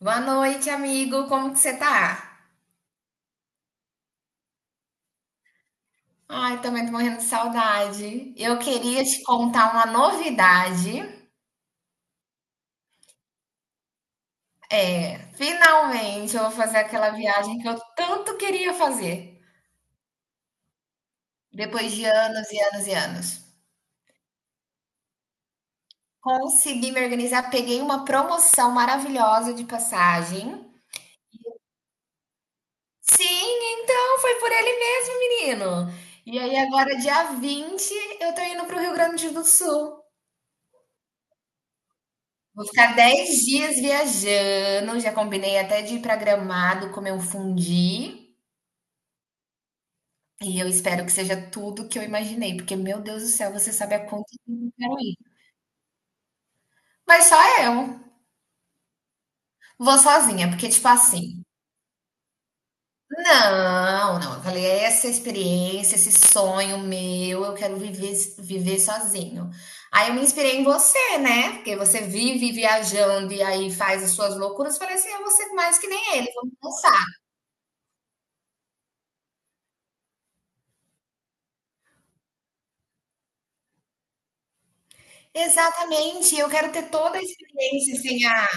Boa noite, amigo. Como que você tá? Ai, também tô morrendo de saudade. Eu queria te contar uma novidade. É, finalmente eu vou fazer aquela viagem que eu tanto queria fazer. Depois de anos e anos e anos. Consegui me organizar, peguei uma promoção maravilhosa de passagem. Sim, então foi por ele mesmo, menino. E aí agora, dia 20 eu tô indo pro Rio Grande do Sul. Vou ficar 10 dias viajando, já combinei até de ir pra Gramado comer um fundi. E eu espero que seja tudo que eu imaginei, porque, meu Deus do céu, você sabe a quanto tempo eu quero ir. Mas só eu. Vou sozinha, porque, tipo assim. Não, não. Eu falei, "É essa experiência, esse sonho meu, eu quero viver, viver sozinho." Aí eu me inspirei em você, né? Porque você vive viajando e aí faz as suas loucuras. Falei assim, eu vou ser mais que nem ele, vamos pensar. Exatamente, eu quero ter toda a experiência sem a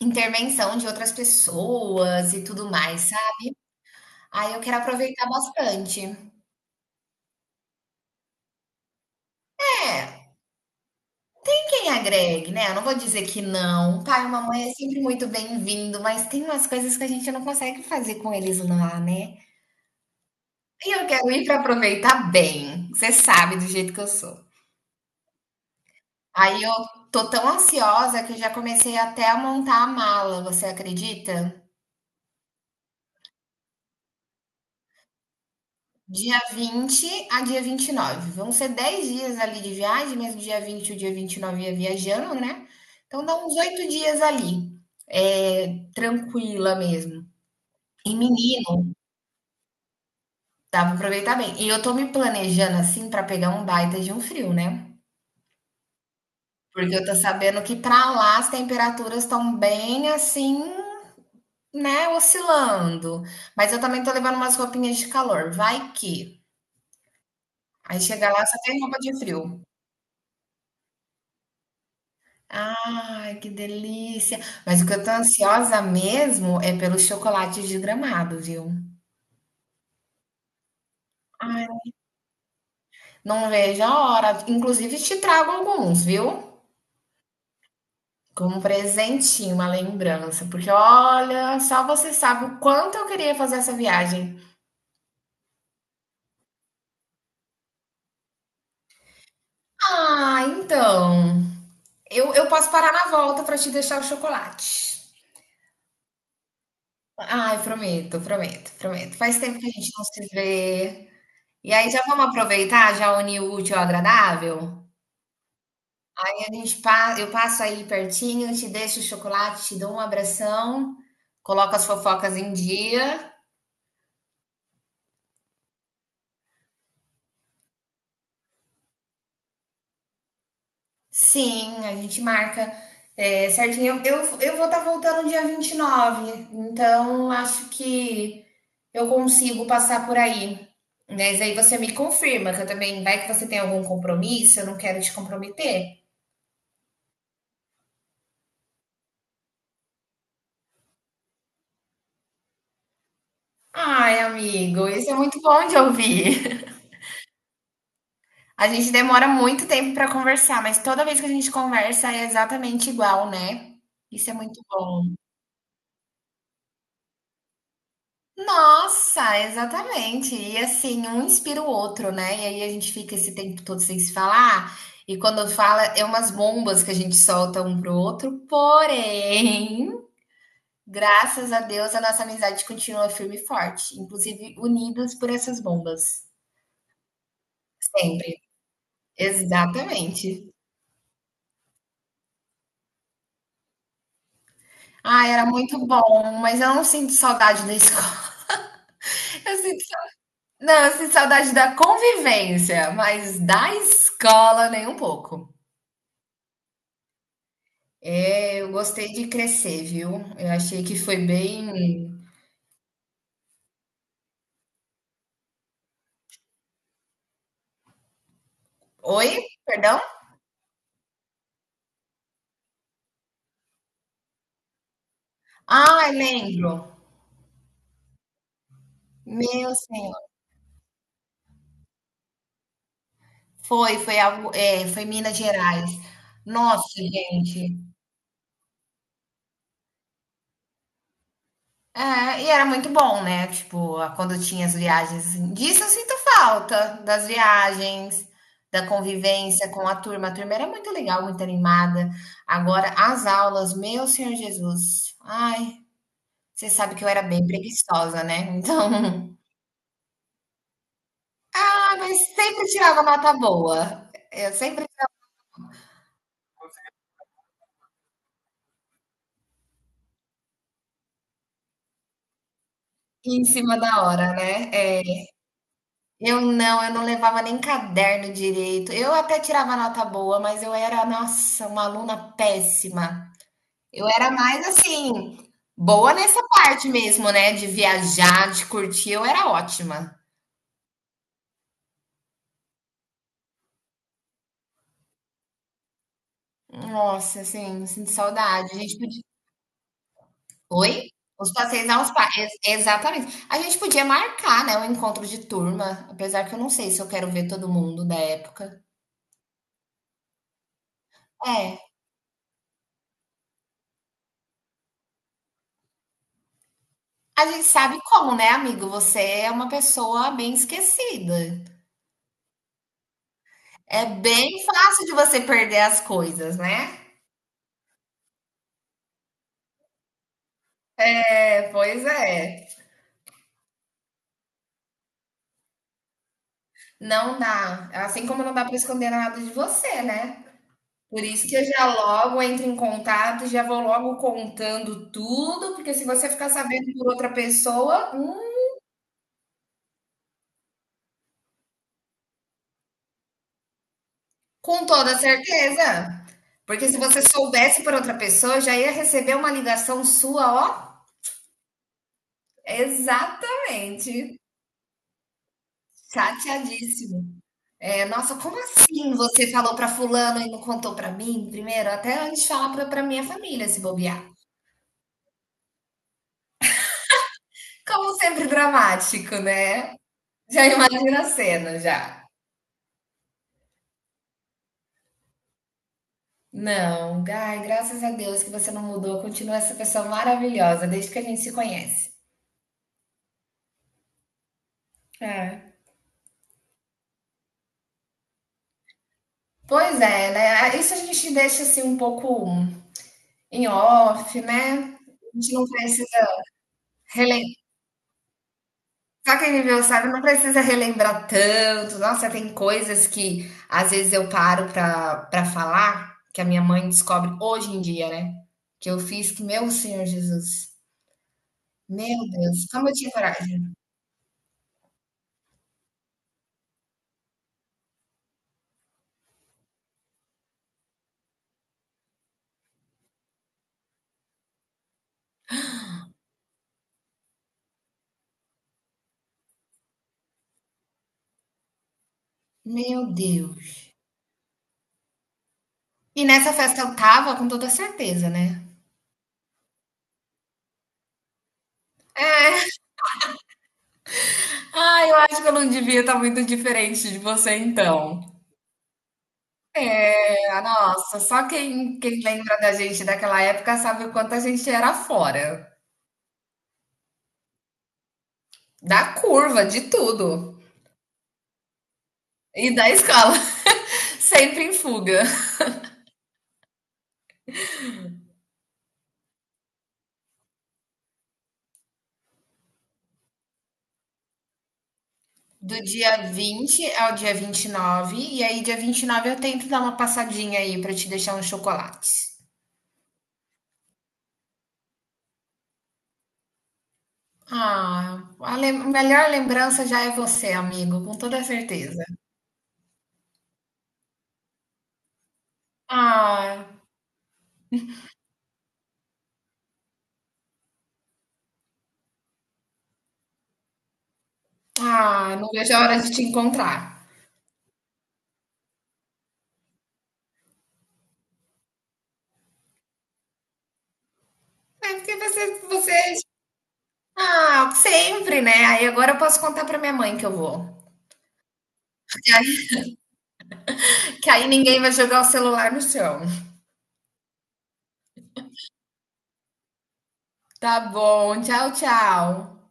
intervenção de outras pessoas e tudo mais, sabe? Aí eu quero aproveitar bastante. É, tem quem agregue, né? Eu não vou dizer que não. Pai e mamãe é sempre muito bem-vindo, mas tem umas coisas que a gente não consegue fazer com eles lá, né? E eu quero ir para aproveitar bem. Você sabe do jeito que eu sou. Aí eu tô tão ansiosa que eu já comecei até a montar a mala, você acredita? Dia 20 a dia 29. Vão ser 10 dias ali de viagem, mas dia 20 e o dia 29 ia viajando, né? Então dá uns 8 dias ali, é, tranquila mesmo. E menino, dá pra aproveitar bem. E eu tô me planejando assim pra pegar um baita de um frio, né? Porque eu tô sabendo que pra lá as temperaturas estão bem assim, né, oscilando. Mas eu também tô levando umas roupinhas de calor. Vai que. Aí chega lá, só tem roupa de frio. Ai, que delícia! Mas o que eu tô ansiosa mesmo é pelos chocolates de Gramado, viu? Ai, não vejo a hora. Inclusive, te trago alguns, viu? Como um presentinho, uma lembrança. Porque olha, só você sabe o quanto eu queria fazer essa viagem. Ah, então. Eu posso parar na volta pra te deixar o chocolate. Ai, prometo, prometo, prometo. Faz tempo que a gente não se vê. E aí já vamos aproveitar, já unir o útil ao agradável? A gente pa eu passo aí pertinho, te deixo o chocolate, te dou um abração, coloco as fofocas em dia. Sim, a gente marca. É, certinho, eu vou estar voltando dia 29. Então acho que eu consigo passar por aí. Mas aí você me confirma que eu também, vai que você tem algum compromisso, eu não quero te comprometer. Ai, amigo, isso é muito bom de ouvir. A gente demora muito tempo para conversar, mas toda vez que a gente conversa é exatamente igual, né? Isso é muito bom. Nossa, exatamente. E assim, um inspira o outro, né? E aí a gente fica esse tempo todo sem se falar. E quando fala, é umas bombas que a gente solta um pro outro. Porém, graças a Deus, a nossa amizade continua firme e forte, inclusive unidos por essas bombas. Sempre. Exatamente. Ah, era muito bom, mas eu não sinto saudade da escola. Eu sinto. Não, eu sinto saudade da convivência, mas da escola nem um pouco. É, eu gostei de crescer, viu? Eu achei que foi bem. Oi? Perdão? Ah, lembro. Meu senhor. Foi, foi algo, é, foi Minas Gerais. Nossa, gente. É, e era muito bom, né? Tipo, a- quando tinha as viagens, assim, disso eu sinto falta, das viagens, da convivência com a turma. A turma era muito legal, muito animada. Agora, as aulas, meu Senhor Jesus. Ai, você sabe que eu era bem preguiçosa, né? Então, ah, mas sempre tirava nota boa. Eu sempre ia em cima da hora, né? Eu não levava nem caderno direito. Eu até tirava nota boa, mas eu era, nossa, uma aluna péssima. Eu era mais assim, boa nessa parte mesmo, né? De viajar, de curtir, eu era ótima. Nossa, assim, sinto saudade. A gente podia. Oi? Os passeios aos pais. Exatamente. A gente podia marcar, né? Um encontro de turma, apesar que eu não sei se eu quero ver todo mundo da época. É. A gente sabe como, né, amigo? Você é uma pessoa bem esquecida. É bem fácil de você perder as coisas, né? É, pois é. Não dá, assim como não dá para esconder nada de você, né. Por isso que eu já logo entro em contato, já vou logo contando tudo, porque se você ficar sabendo por outra pessoa, com toda certeza. Porque se você soubesse por outra pessoa, já ia receber uma ligação sua, ó exatamente, chateadíssimo. É, nossa, como assim você falou para fulano e não contou para mim primeiro? Até antes de falar para minha família, se bobear. Como sempre dramático, né. Já imagina a cena, já. Não, ai, graças a Deus que você não mudou, continua essa pessoa maravilhosa desde que a gente se conhece. É. Pois é, né? Isso a gente deixa assim um pouco em off, né? A gente não precisa relembrar. Só quem viveu sabe, não precisa relembrar tanto. Nossa, tem coisas que às vezes eu paro pra falar, que a minha mãe descobre hoje em dia, né? Que eu fiz que, meu Senhor Jesus, meu Deus, como eu tinha coragem. Meu Deus. E nessa festa eu tava com toda certeza, né? Ah, eu acho que eu não devia estar muito diferente de você então. É, nossa, só quem lembra da gente daquela época sabe o quanto a gente era fora. Da curva, de tudo. E da escola, sempre em fuga. Do dia 20 ao dia 29, e nove. E aí dia 29 eu tento dar uma passadinha aí pra te deixar uns chocolates. Ah, a lem- melhor lembrança já é você, amigo, com toda certeza. Ah, ah, não vejo a hora de te encontrar. É porque você, ah, sempre, né? Aí agora eu posso contar pra minha mãe que eu vou. Que aí ninguém vai jogar o celular no chão. Tá bom, tchau, tchau.